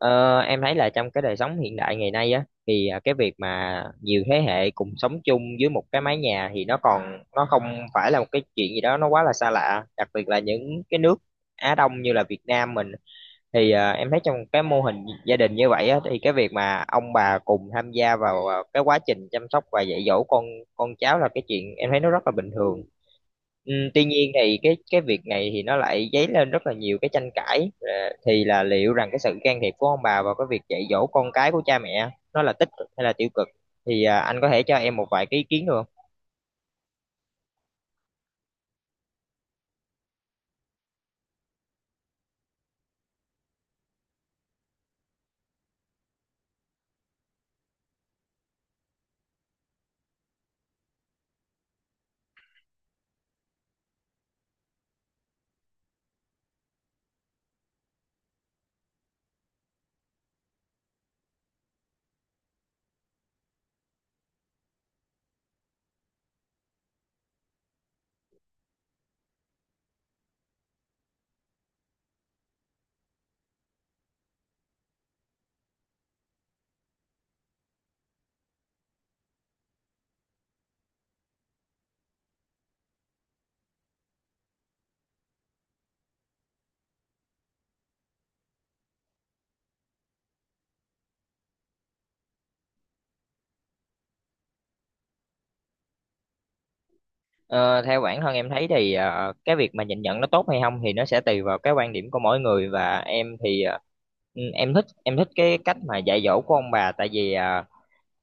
Ờ, em thấy là trong cái đời sống hiện đại ngày nay á thì cái việc mà nhiều thế hệ cùng sống chung dưới một cái mái nhà thì nó còn nó không phải là một cái chuyện gì đó nó quá là xa lạ, đặc biệt là những cái nước Á Đông như là Việt Nam mình. Thì, em thấy trong cái mô hình gia đình như vậy á, thì cái việc mà ông bà cùng tham gia vào cái quá trình chăm sóc và dạy dỗ con cháu là cái chuyện em thấy nó rất là bình thường. Tuy nhiên thì cái việc này thì nó lại dấy lên rất là nhiều cái tranh cãi, thì là liệu rằng cái sự can thiệp của ông bà vào cái việc dạy dỗ con cái của cha mẹ nó là tích cực hay là tiêu cực, thì anh có thể cho em một vài cái ý kiến được? Ờ, Theo bản thân em thấy thì cái việc mà nhìn nhận nó tốt hay không thì nó sẽ tùy vào cái quan điểm của mỗi người, và em thì em thích cái cách mà dạy dỗ của ông bà, tại vì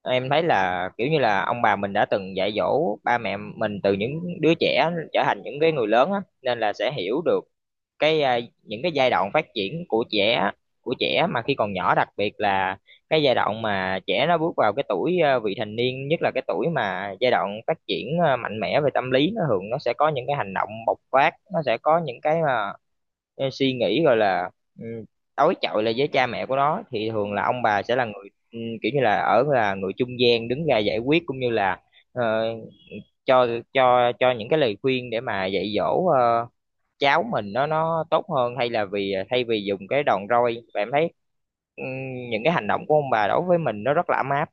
em thấy là kiểu như là ông bà mình đã từng dạy dỗ ba mẹ mình từ những đứa trẻ trở thành những cái người lớn á, nên là sẽ hiểu được những cái giai đoạn phát triển của trẻ mà khi còn nhỏ, đặc biệt là cái giai đoạn mà trẻ nó bước vào cái tuổi vị thành niên, nhất là cái tuổi mà giai đoạn phát triển mạnh mẽ về tâm lý, nó thường nó sẽ có những cái hành động bộc phát, nó sẽ có những cái suy nghĩ gọi là ừ, đối chọi lại với cha mẹ của nó, thì thường là ông bà sẽ là người, kiểu như là là người trung gian đứng ra giải quyết, cũng như là ờ, cho cho những cái lời khuyên để mà dạy dỗ cháu mình nó tốt hơn, hay là vì thay vì dùng cái đòn roi. Và em thấy ừm, những cái hành động của ông bà đối với mình nó rất là ấm áp.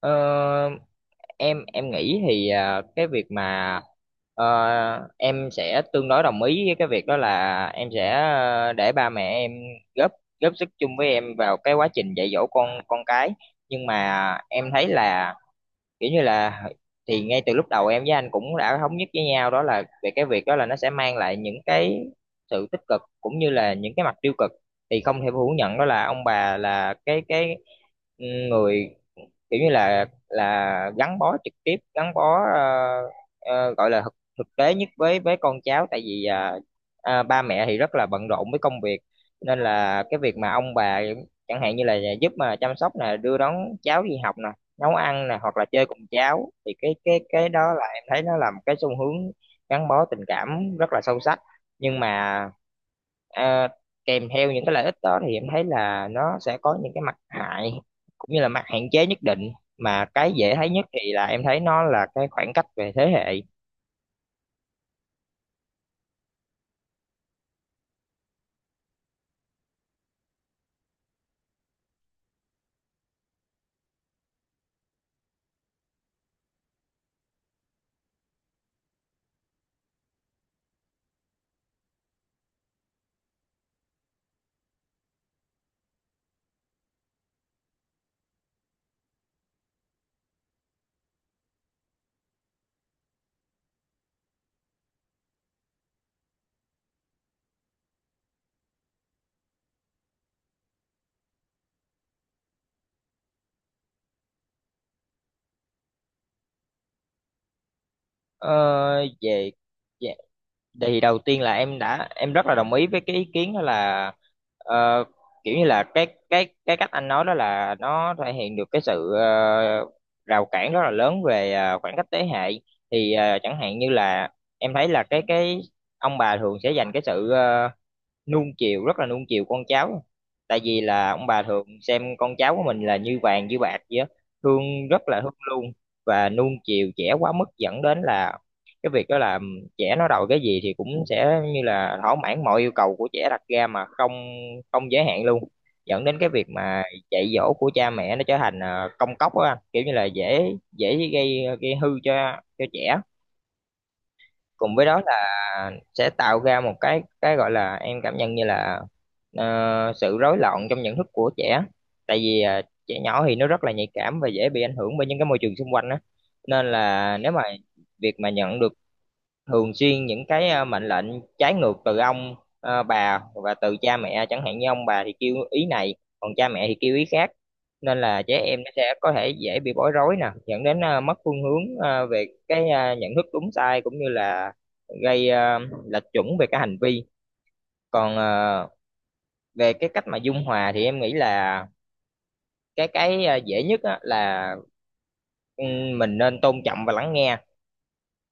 Ờ, em nghĩ thì cái việc mà ờ, em sẽ tương đối đồng ý với cái việc đó, là em sẽ để ba mẹ em góp góp sức chung với em vào cái quá trình dạy dỗ con cái, nhưng mà em thấy là, kiểu như là, thì ngay từ lúc đầu em với anh cũng đã thống nhất với nhau đó, là về cái việc đó là nó sẽ mang lại những cái sự tích cực cũng như là những cái mặt tiêu cực. Thì không thể phủ nhận đó là ông bà là cái người, kiểu như là gắn bó trực tiếp, gắn bó gọi là thực thực tế nhất với con cháu, tại vì ba mẹ thì rất là bận rộn với công việc, nên là cái việc mà ông bà, chẳng hạn như là giúp mà chăm sóc nè, đưa đón cháu đi học nè, nấu ăn nè, hoặc là chơi cùng cháu, thì cái đó là em thấy nó là một cái xu hướng gắn bó tình cảm rất là sâu sắc. Nhưng mà à, kèm theo những cái lợi ích đó thì em thấy là nó sẽ có những cái mặt hại cũng như là mặt hạn chế nhất định, mà cái dễ thấy nhất thì là em thấy nó là cái khoảng cách về thế hệ. Ờ, về về- Thì đầu tiên là em đã em rất là đồng ý với cái ý kiến đó, là ờ, kiểu như là cái cách anh nói đó là nó thể hiện được cái sự rào cản rất là lớn về khoảng cách thế hệ. Thì chẳng hạn như là em thấy là cái ông bà thường sẽ dành cái sự nuông chiều, rất là nuông chiều con cháu, tại vì là ông bà thường xem con cháu của mình là như vàng như bạc vậy á, thương rất là thương luôn, và nuông chiều trẻ quá mức, dẫn đến là cái việc đó là trẻ nó đòi cái gì thì cũng sẽ như là thỏa mãn mọi yêu cầu của trẻ đặt ra, mà không không giới hạn luôn, dẫn đến cái việc mà dạy dỗ của cha mẹ nó trở thành công cốc á anh. Kiểu như là dễ dễ gây gây hư cho trẻ. Cùng với đó là sẽ tạo ra một cái gọi là em cảm nhận như là ờ, sự rối loạn trong nhận thức của trẻ, tại vì trẻ nhỏ thì nó rất là nhạy cảm và dễ bị ảnh hưởng bởi những cái môi trường xung quanh á, nên là nếu mà việc mà nhận được thường xuyên những cái mệnh lệnh trái ngược từ bà và từ cha mẹ, chẳng hạn như ông bà thì kêu ý này còn cha mẹ thì kêu ý khác, nên là trẻ em nó sẽ có thể dễ bị bối rối nè, dẫn đến mất phương hướng về cái nhận thức đúng sai, cũng như là gây lệch chuẩn về cái hành vi. Còn về cái cách mà dung hòa thì em nghĩ là cái dễ nhất á, là ừ, mình nên tôn trọng và lắng nghe.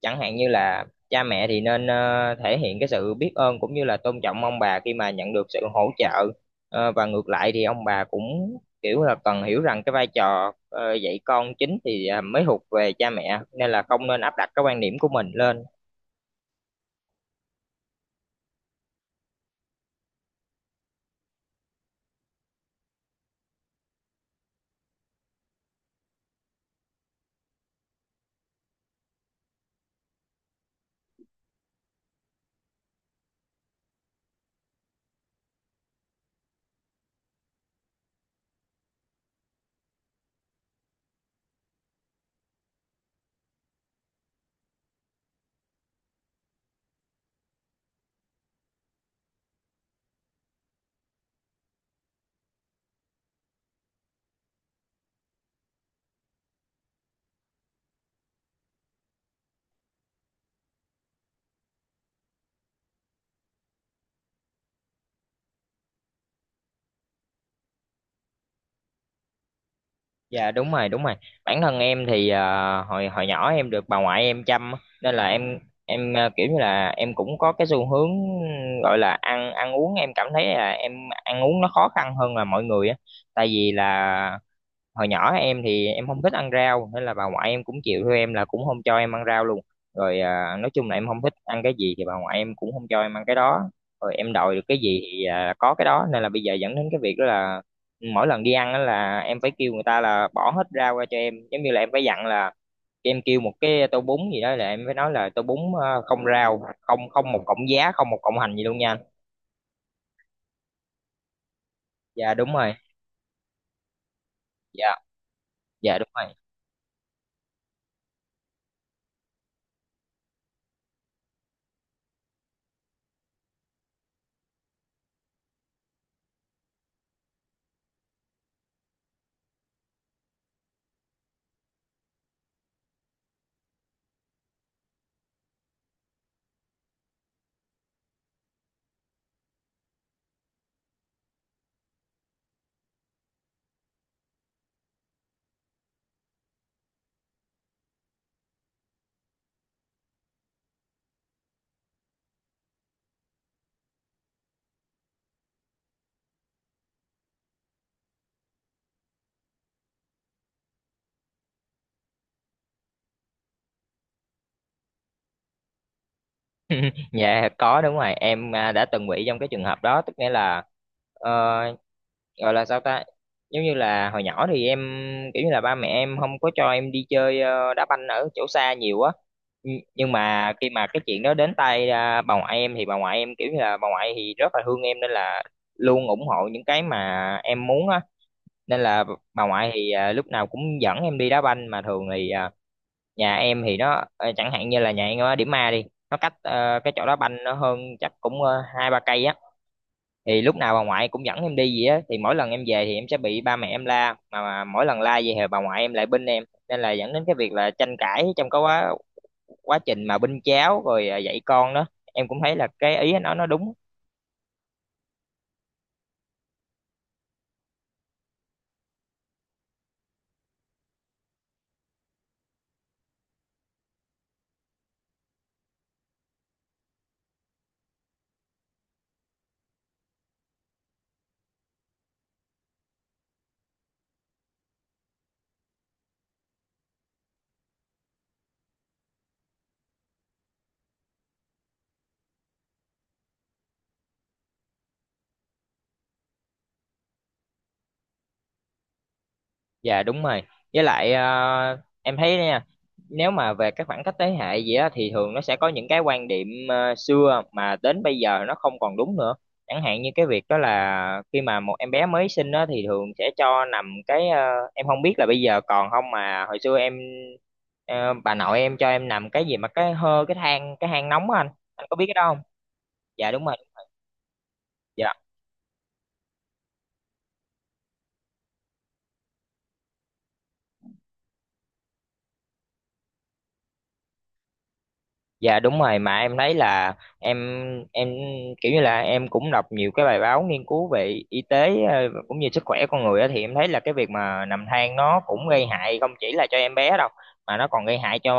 Chẳng hạn như là cha mẹ thì nên thể hiện cái sự biết ơn cũng như là tôn trọng ông bà khi mà nhận được sự hỗ trợ. Và ngược lại thì ông bà cũng kiểu là cần hiểu rằng cái vai trò dạy con chính thì mới thuộc về cha mẹ, nên là không nên áp đặt cái quan điểm của mình lên. Dạ đúng rồi, đúng rồi. Bản thân em thì hồi hồi nhỏ em được bà ngoại em chăm á, nên là em kiểu như là em cũng có cái xu hướng gọi là ăn ăn uống, em cảm thấy là em ăn uống nó khó khăn hơn là mọi người á. Tại vì là hồi nhỏ em thì em không thích ăn rau, nên là bà ngoại em cũng chịu theo em là cũng không cho em ăn rau luôn. Rồi nói chung là em không thích ăn cái gì thì bà ngoại em cũng không cho em ăn cái đó, rồi em đòi được cái gì thì có cái đó, nên là bây giờ dẫn đến cái việc đó là mỗi lần đi ăn á là em phải kêu người ta là bỏ hết rau ra cho em, giống như là em phải dặn là em kêu một cái tô bún gì đó là em phải nói là tô bún không rau, không, một cọng giá, không một cọng hành gì luôn nha. Dạ đúng rồi. Dạ. Dạ đúng rồi. Dạ có, đúng rồi em, đã từng bị trong cái trường hợp đó, tức nghĩa là ờ, gọi là sao ta, giống như là hồi nhỏ thì em, kiểu như là ba mẹ em không có cho em đi chơi đá banh ở chỗ xa nhiều á. Nhưng mà khi mà cái chuyện đó đến tay bà ngoại em thì bà ngoại em, kiểu như là bà ngoại thì rất là thương em nên là luôn ủng hộ những cái mà em muốn á, nên là bà ngoại thì lúc nào cũng dẫn em đi đá banh. Mà thường thì nhà em thì nó chẳng hạn như là nhà em ở Điểm A đi, nó cách cái chỗ đó banh nó hơn chắc cũng hai ba cây á, thì lúc nào bà ngoại cũng dẫn em đi gì á, thì mỗi lần em về thì em sẽ bị ba mẹ em la. Mà mỗi lần la vậy thì bà ngoại em lại binh em, nên là dẫn đến cái việc là tranh cãi trong cái quá quá trình mà binh cháu rồi dạy con đó. Em cũng thấy là cái ý nó đúng. Dạ đúng rồi. Với lại em thấy nha, nếu mà về các khoảng cách thế hệ gì á thì thường nó sẽ có những cái quan điểm xưa mà đến bây giờ nó không còn đúng nữa. Chẳng hạn như cái việc đó là khi mà một em bé mới sinh á thì thường sẽ cho nằm cái, em không biết là bây giờ còn không, mà hồi xưa bà nội em cho em nằm cái gì mà cái hơ cái than, cái hang nóng á anh. Anh có biết cái đó không? Dạ đúng rồi. Dạ. Dạ đúng rồi, mà em thấy là em kiểu như là em cũng đọc nhiều cái bài báo nghiên cứu về y tế, cũng như sức khỏe con người á, thì em thấy là cái việc mà nằm than nó cũng gây hại không chỉ là cho em bé đâu, mà nó còn gây hại cho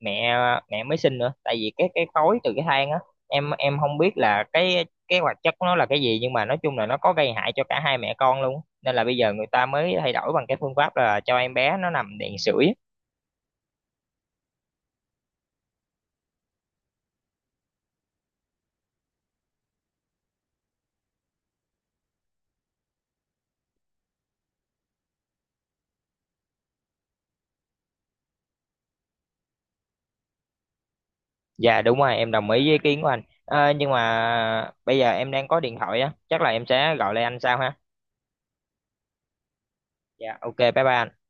mẹ mẹ mới sinh nữa, tại vì cái khói từ cái than á. Em không biết là cái hoạt chất của nó là cái gì, nhưng mà nói chung là nó có gây hại cho cả hai mẹ con luôn, nên là bây giờ người ta mới thay đổi bằng cái phương pháp là cho em bé nó nằm đèn sưởi. Dạ đúng rồi, em đồng ý với ý kiến của anh. Ờ, nhưng mà bây giờ em đang có điện thoại á, chắc là em sẽ gọi lại anh sau ha. Dạ ok, bye bye anh.